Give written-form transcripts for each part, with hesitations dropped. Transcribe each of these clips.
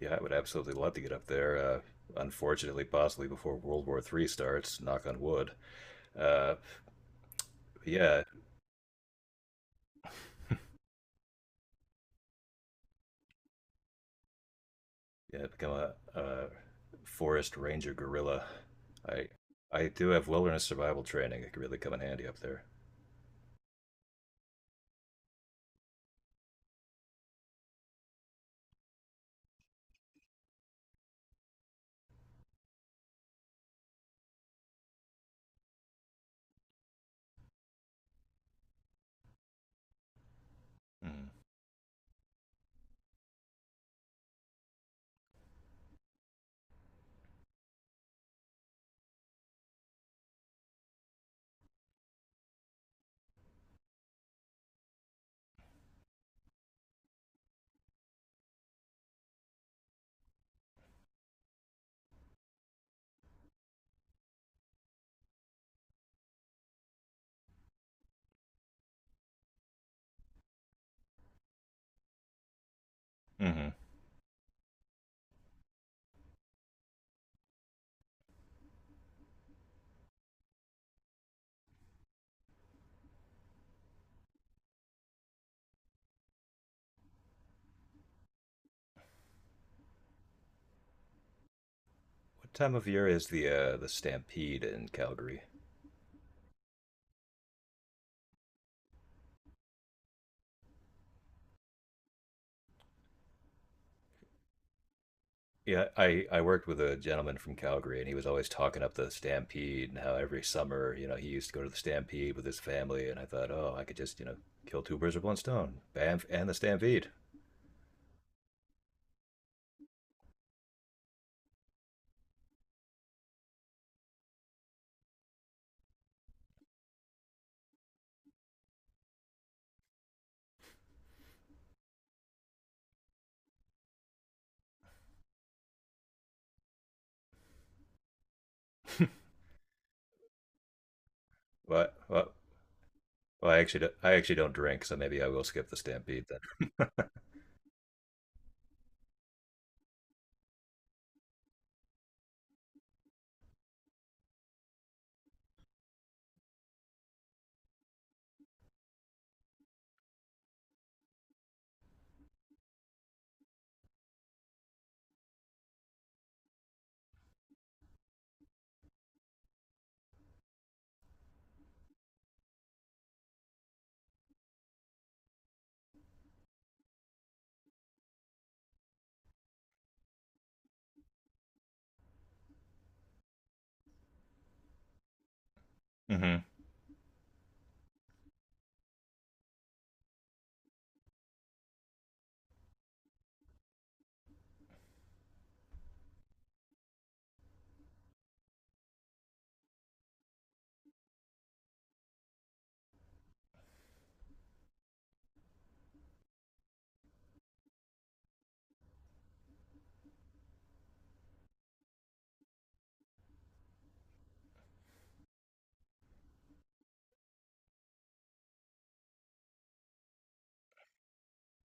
Yeah, I would absolutely love to get up there. Unfortunately, possibly before World War III starts. Knock on wood. Uh, yeah, yeah, become a forest ranger gorilla. I I do have wilderness survival training. It could really come in handy up there. Mm-hmm. Mm-hmm. What time of year is the stampede in Calgary? Yeah, I worked with a gentleman from Calgary, and he was always talking up the Stampede and how every summer, he used to go to the Stampede with his family. And I thought, oh, I could just, kill two birds with one stone, Banff and the Stampede. What? What? Well, I actually don't drink, so maybe I will skip the Stampede then.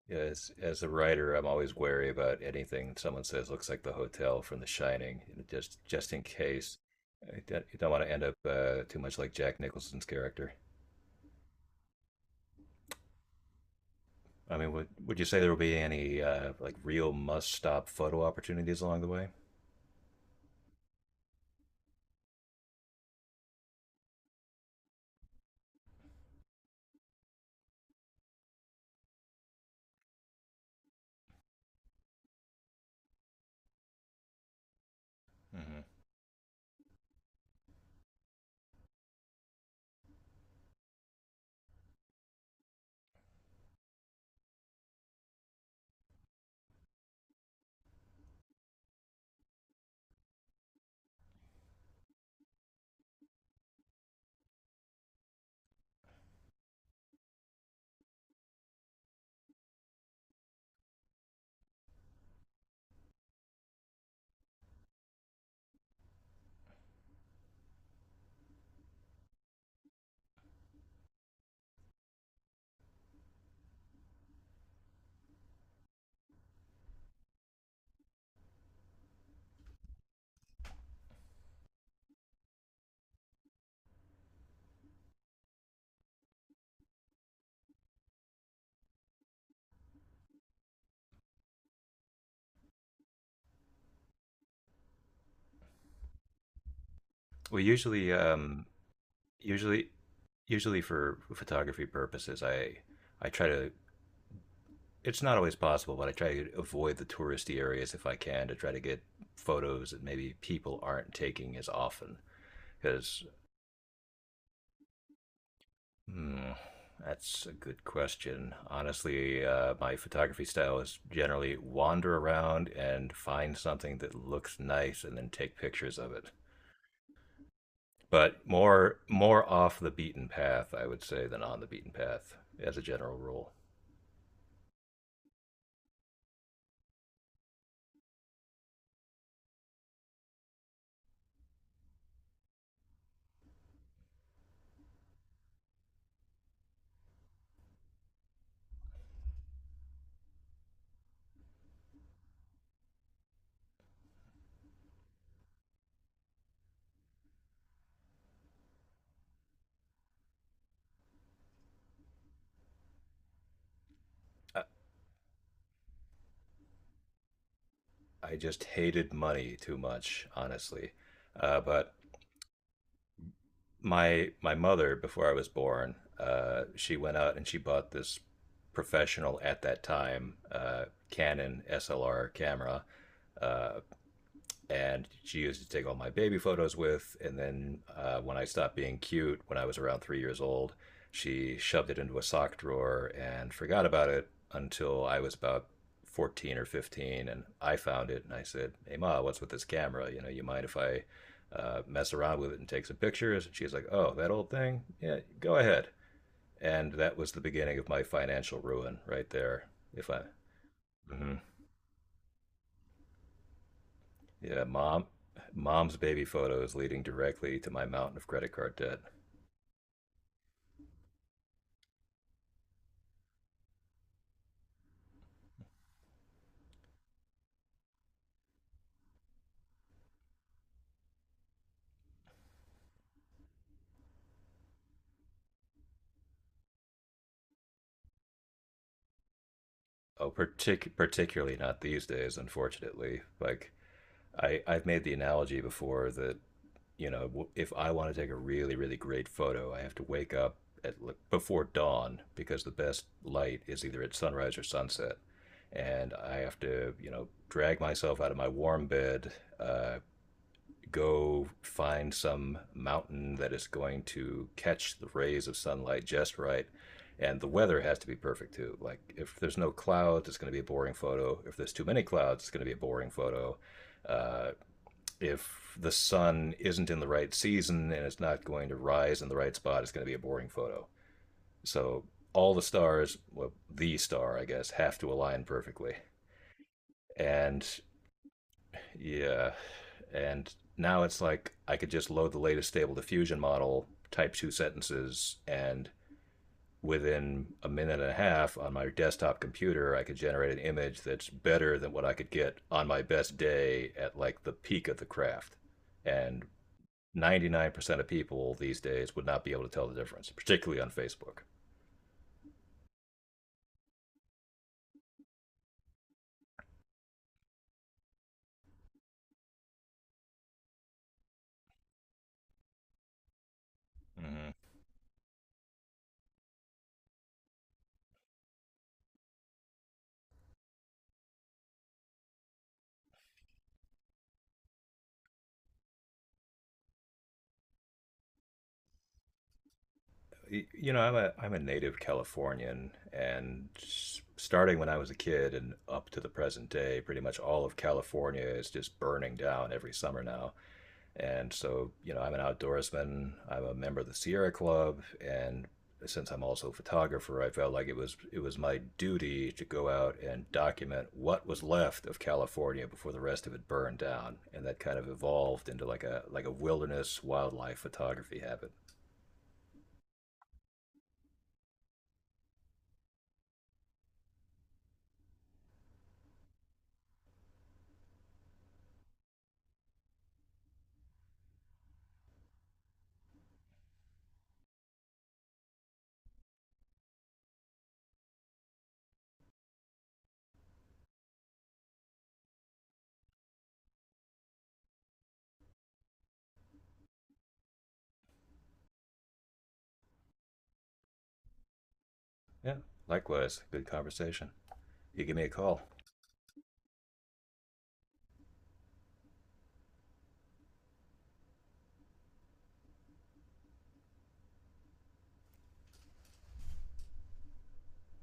Yeah, as a writer, I'm always wary about anything someone says looks like the hotel from The Shining, you know, just in case. I don't, You don't want to end up too much like Jack Nicholson's character. I mean, would you say there will be any like real must stop photo opportunities along the way? Mm-hmm. Well, usually, usually for photography purposes, I try to. It's not always possible, but I try to avoid the touristy areas if I can to try to get photos that maybe people aren't taking as often. Because Hmm, that's a good question. Honestly, my photography style is generally wander around and find something that looks nice and then take pictures of it. But more off the beaten path, I would say, than on the beaten path as a general rule. I, I just hated money too much, honestly. But my mother before I was born, she went out and she bought this professional at that time Canon SLR camera, uh, and she used to take all my baby photos with. And then when I stopped being cute, when I was around 3 years old, she shoved it into a sock drawer and forgot about it until I was about 14 or 15. And I found it and I said, hey, Ma, what's with this camera? You know, you mind if I mess around with it and take some pictures? And she's like, oh, that old thing? Yeah, go ahead. And that was the beginning of my financial ruin right there. If I. Mm-hmm. Yeah, mom's baby photos leading directly to my mountain of credit card debt. Oh, particularly not these days, unfortunately. Like I've made the analogy before that if I want to take a really, really great photo, I have to wake up before dawn because the best light is either at sunrise or sunset, and I have to drag myself out of my warm bed, uh, go find some mountain that is going to catch the rays of sunlight just right. And the weather has to be perfect too. Like if there's no clouds, it's going to be a boring photo. If there's too many clouds, it's going to be a boring photo. Uh, if the sun isn't in the right season and it's not going to rise in the right spot, it's going to be a boring photo. So all the stars, well, the star, I guess, have to align perfectly. And yeah. And now it's like I could just load the latest stable diffusion model, type two sentences, and within a minute and a half on my desktop computer, I could generate an image that's better than what I could get on my best day at like the peak of the craft. And 99% of people these days would not be able to tell the difference, particularly on Facebook. Mm-hmm. You know, I'm a native Californian, and starting when I was a kid and up to the present day, pretty much all of California is just burning down every summer now. And so, you know, I'm an outdoorsman. I'm a member of the Sierra Club, and since I'm also a photographer, I felt like it was my duty to go out and document what was left of California before the rest of it burned down. And that kind of evolved into like a wilderness wildlife photography habit. Yeah, likewise. Good conversation. You give me a call.